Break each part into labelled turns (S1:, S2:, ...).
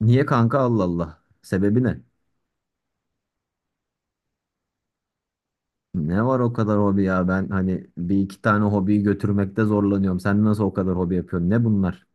S1: Niye kanka Allah Allah? Sebebi ne? Ne var o kadar hobi ya? Ben hani bir iki tane hobiyi götürmekte zorlanıyorum. Sen nasıl o kadar hobi yapıyorsun? Ne bunlar?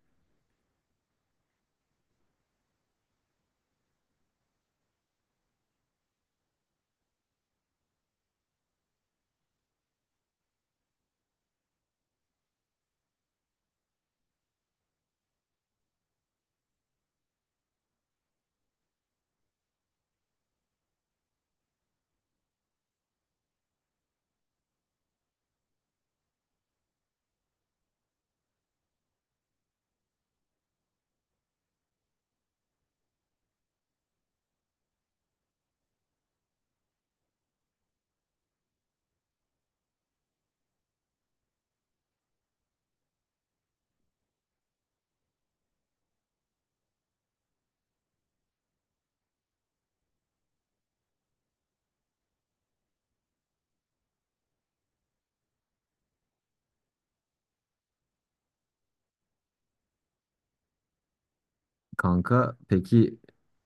S1: Kanka peki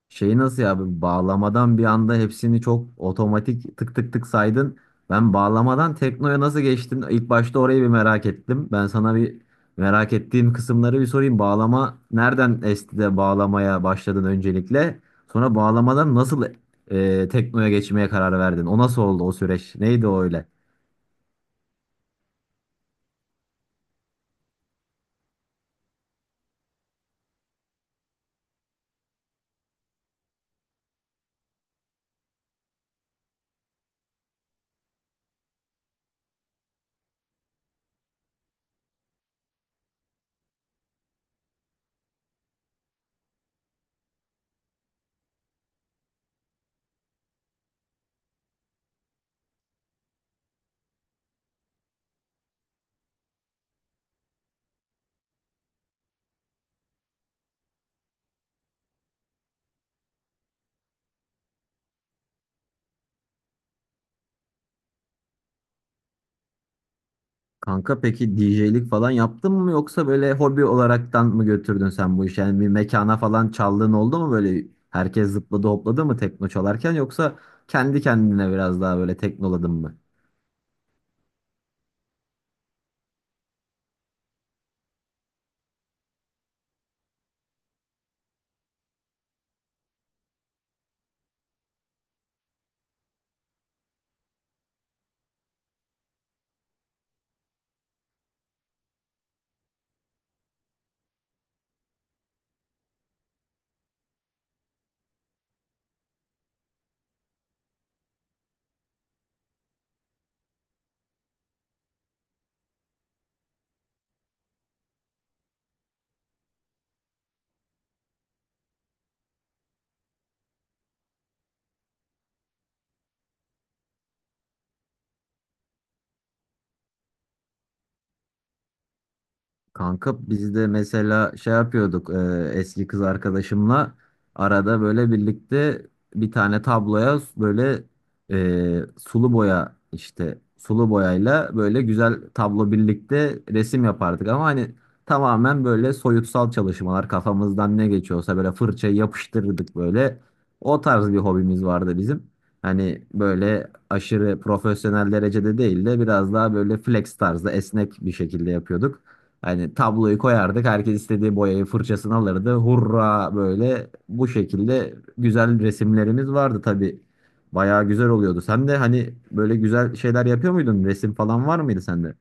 S1: şeyi nasıl ya bu bağlamadan bir anda hepsini çok otomatik tık tık tık saydın. Ben bağlamadan teknoya nasıl geçtin? İlk başta orayı bir merak ettim. Ben sana bir merak ettiğim kısımları bir sorayım. Bağlama nereden esti de bağlamaya başladın öncelikle? Sonra bağlamadan nasıl teknoya geçmeye karar verdin? O nasıl oldu o süreç? Neydi o öyle? Kanka peki DJ'lik falan yaptın mı yoksa böyle hobi olaraktan mı götürdün sen bu işi? Yani bir mekana falan çaldığın oldu mu böyle herkes zıpladı hopladı mı tekno çalarken yoksa kendi kendine biraz daha böyle teknoladın mı? Kanka biz de mesela şey yapıyorduk eski kız arkadaşımla arada böyle birlikte bir tane tabloya böyle sulu boya işte sulu boyayla böyle güzel tablo birlikte resim yapardık ama hani tamamen böyle soyutsal çalışmalar kafamızdan ne geçiyorsa böyle fırçayı yapıştırırdık böyle o tarz bir hobimiz vardı bizim. Hani böyle aşırı profesyonel derecede değil de biraz daha böyle flex tarzda esnek bir şekilde yapıyorduk. Hani tabloyu koyardık. Herkes istediği boyayı fırçasını alırdı. Hurra böyle bu şekilde güzel resimlerimiz vardı tabii. Bayağı güzel oluyordu. Sen de hani böyle güzel şeyler yapıyor muydun? Resim falan var mıydı sende?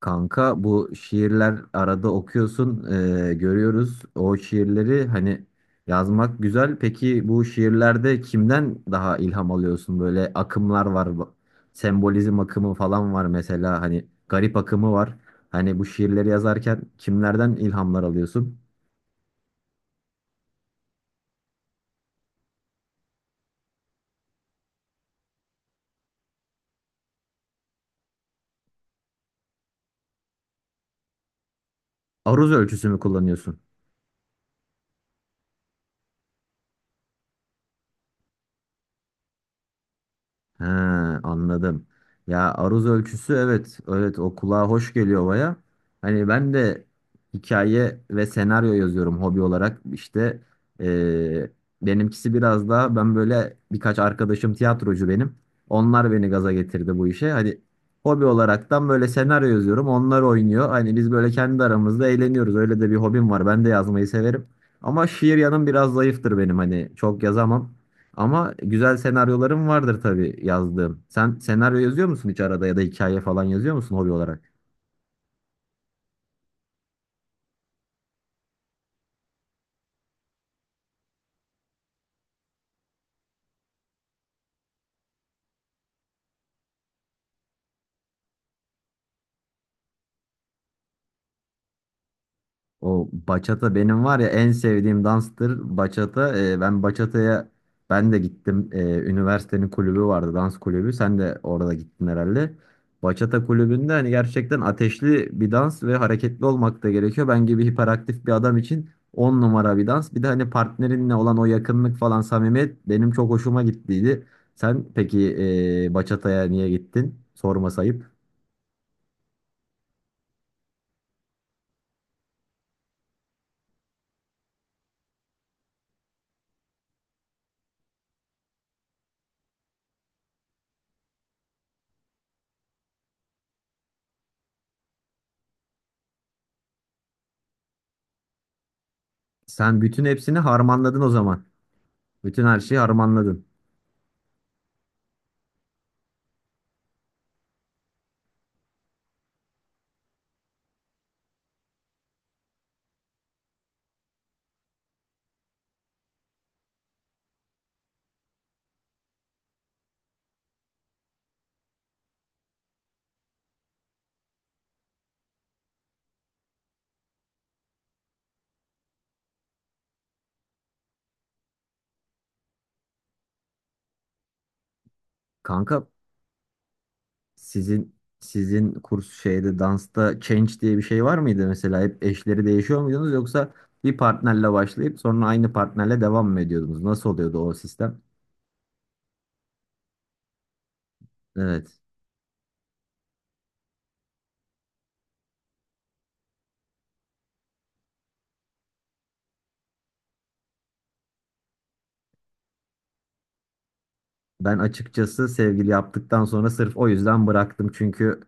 S1: Kanka bu şiirler arada okuyorsun, görüyoruz. O şiirleri hani yazmak güzel. Peki bu şiirlerde kimden daha ilham alıyorsun? Böyle akımlar var. Sembolizm akımı falan var mesela. Hani garip akımı var. Hani bu şiirleri yazarken kimlerden ilhamlar alıyorsun? Aruz ölçüsü mü kullanıyorsun? He, anladım. Ya aruz ölçüsü evet evet o kulağa hoş geliyor baya. Hani ben de hikaye ve senaryo yazıyorum hobi olarak. İşte eee, benimkisi biraz daha ben böyle birkaç arkadaşım tiyatrocu benim. Onlar beni gaza getirdi bu işe. Hani hobi olaraktan böyle senaryo yazıyorum. Onlar oynuyor. Hani biz böyle kendi aramızda eğleniyoruz. Öyle de bir hobim var. Ben de yazmayı severim. Ama şiir yanım biraz zayıftır benim. Hani çok yazamam. Ama güzel senaryolarım vardır tabii yazdığım. Sen senaryo yazıyor musun hiç arada ya da hikaye falan yazıyor musun hobi olarak? O bachata benim var ya en sevdiğim danstır bachata. Ben bachata'ya ben de gittim. Üniversitenin kulübü vardı dans kulübü. Sen de orada gittin herhalde. Bachata kulübünde hani gerçekten ateşli bir dans ve hareketli olmak da gerekiyor. Ben gibi hiperaktif bir adam için 10 numara bir dans. Bir de hani partnerinle olan o yakınlık falan samimiyet benim çok hoşuma gittiydi. Sen peki bachata'ya niye gittin? Sorma sayıp. Sen bütün hepsini harmanladın o zaman. Bütün her şeyi harmanladın. Kanka, sizin kurs şeyde dansta change diye bir şey var mıydı mesela? Hep eşleri değişiyor muydunuz yoksa bir partnerle başlayıp sonra aynı partnerle devam mı ediyordunuz? Nasıl oluyordu o sistem? Evet. Ben açıkçası sevgili yaptıktan sonra sırf o yüzden bıraktım. Çünkü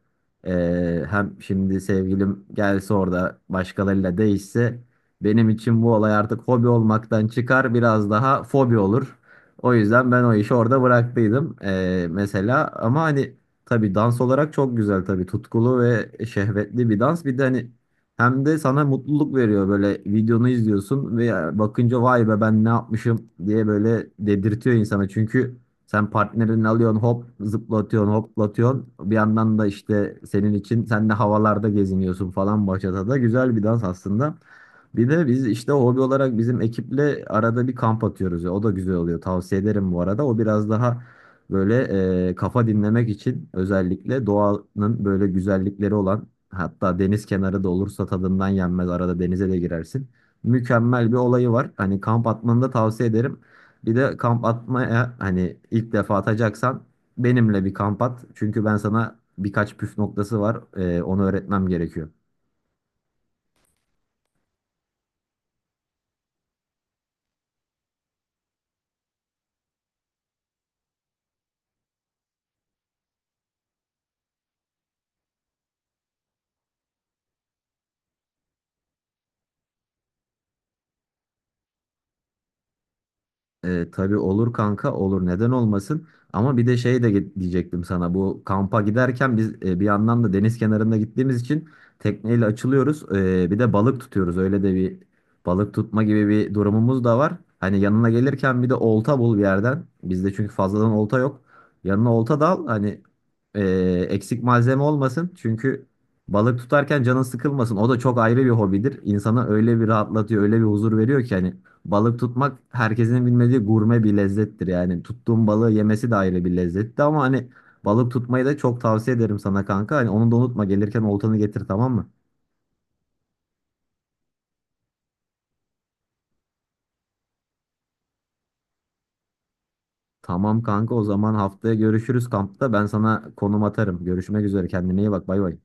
S1: hem şimdi sevgilim gelse orada başkalarıyla değişse benim için bu olay artık hobi olmaktan çıkar biraz daha fobi olur. O yüzden ben o işi orada bıraktıydım, mesela. Ama hani tabii dans olarak çok güzel tabii tutkulu ve şehvetli bir dans. Bir de hani hem de sana mutluluk veriyor böyle videonu izliyorsun ve bakınca vay be ben ne yapmışım diye böyle dedirtiyor insana. Çünkü sen partnerini alıyorsun hop zıplatıyorsun hoplatıyorsun. Bir yandan da işte senin için sen de havalarda geziniyorsun falan da güzel bir dans aslında. Bir de biz işte hobi olarak bizim ekiple arada bir kamp atıyoruz. O da güzel oluyor. Tavsiye ederim bu arada. O biraz daha böyle kafa dinlemek için özellikle doğanın böyle güzellikleri olan hatta deniz kenarı da olursa tadından yenmez. Arada denize de girersin. Mükemmel bir olayı var. Hani kamp atmanı da tavsiye ederim. Bir de kamp atmaya hani ilk defa atacaksan benimle bir kamp at. Çünkü ben sana birkaç püf noktası var. Onu öğretmem gerekiyor. Tabii olur kanka olur neden olmasın ama bir de şey de diyecektim sana bu kampa giderken biz bir yandan da deniz kenarında gittiğimiz için tekneyle açılıyoruz. Bir de balık tutuyoruz öyle de bir balık tutma gibi bir durumumuz da var. Hani yanına gelirken bir de olta bul bir yerden bizde çünkü fazladan olta yok yanına olta da al hani e, eksik malzeme olmasın çünkü balık tutarken canın sıkılmasın o da çok ayrı bir hobidir insanı öyle bir rahatlatıyor öyle bir huzur veriyor ki hani. Balık tutmak herkesin bilmediği gurme bir lezzettir yani. Tuttuğun balığı yemesi de ayrı bir lezzetti ama hani balık tutmayı da çok tavsiye ederim sana kanka. Hani onu da unutma gelirken oltanı getir tamam mı? Tamam kanka o zaman haftaya görüşürüz kampta. Ben sana konum atarım. Görüşmek üzere kendine iyi bak bay bay.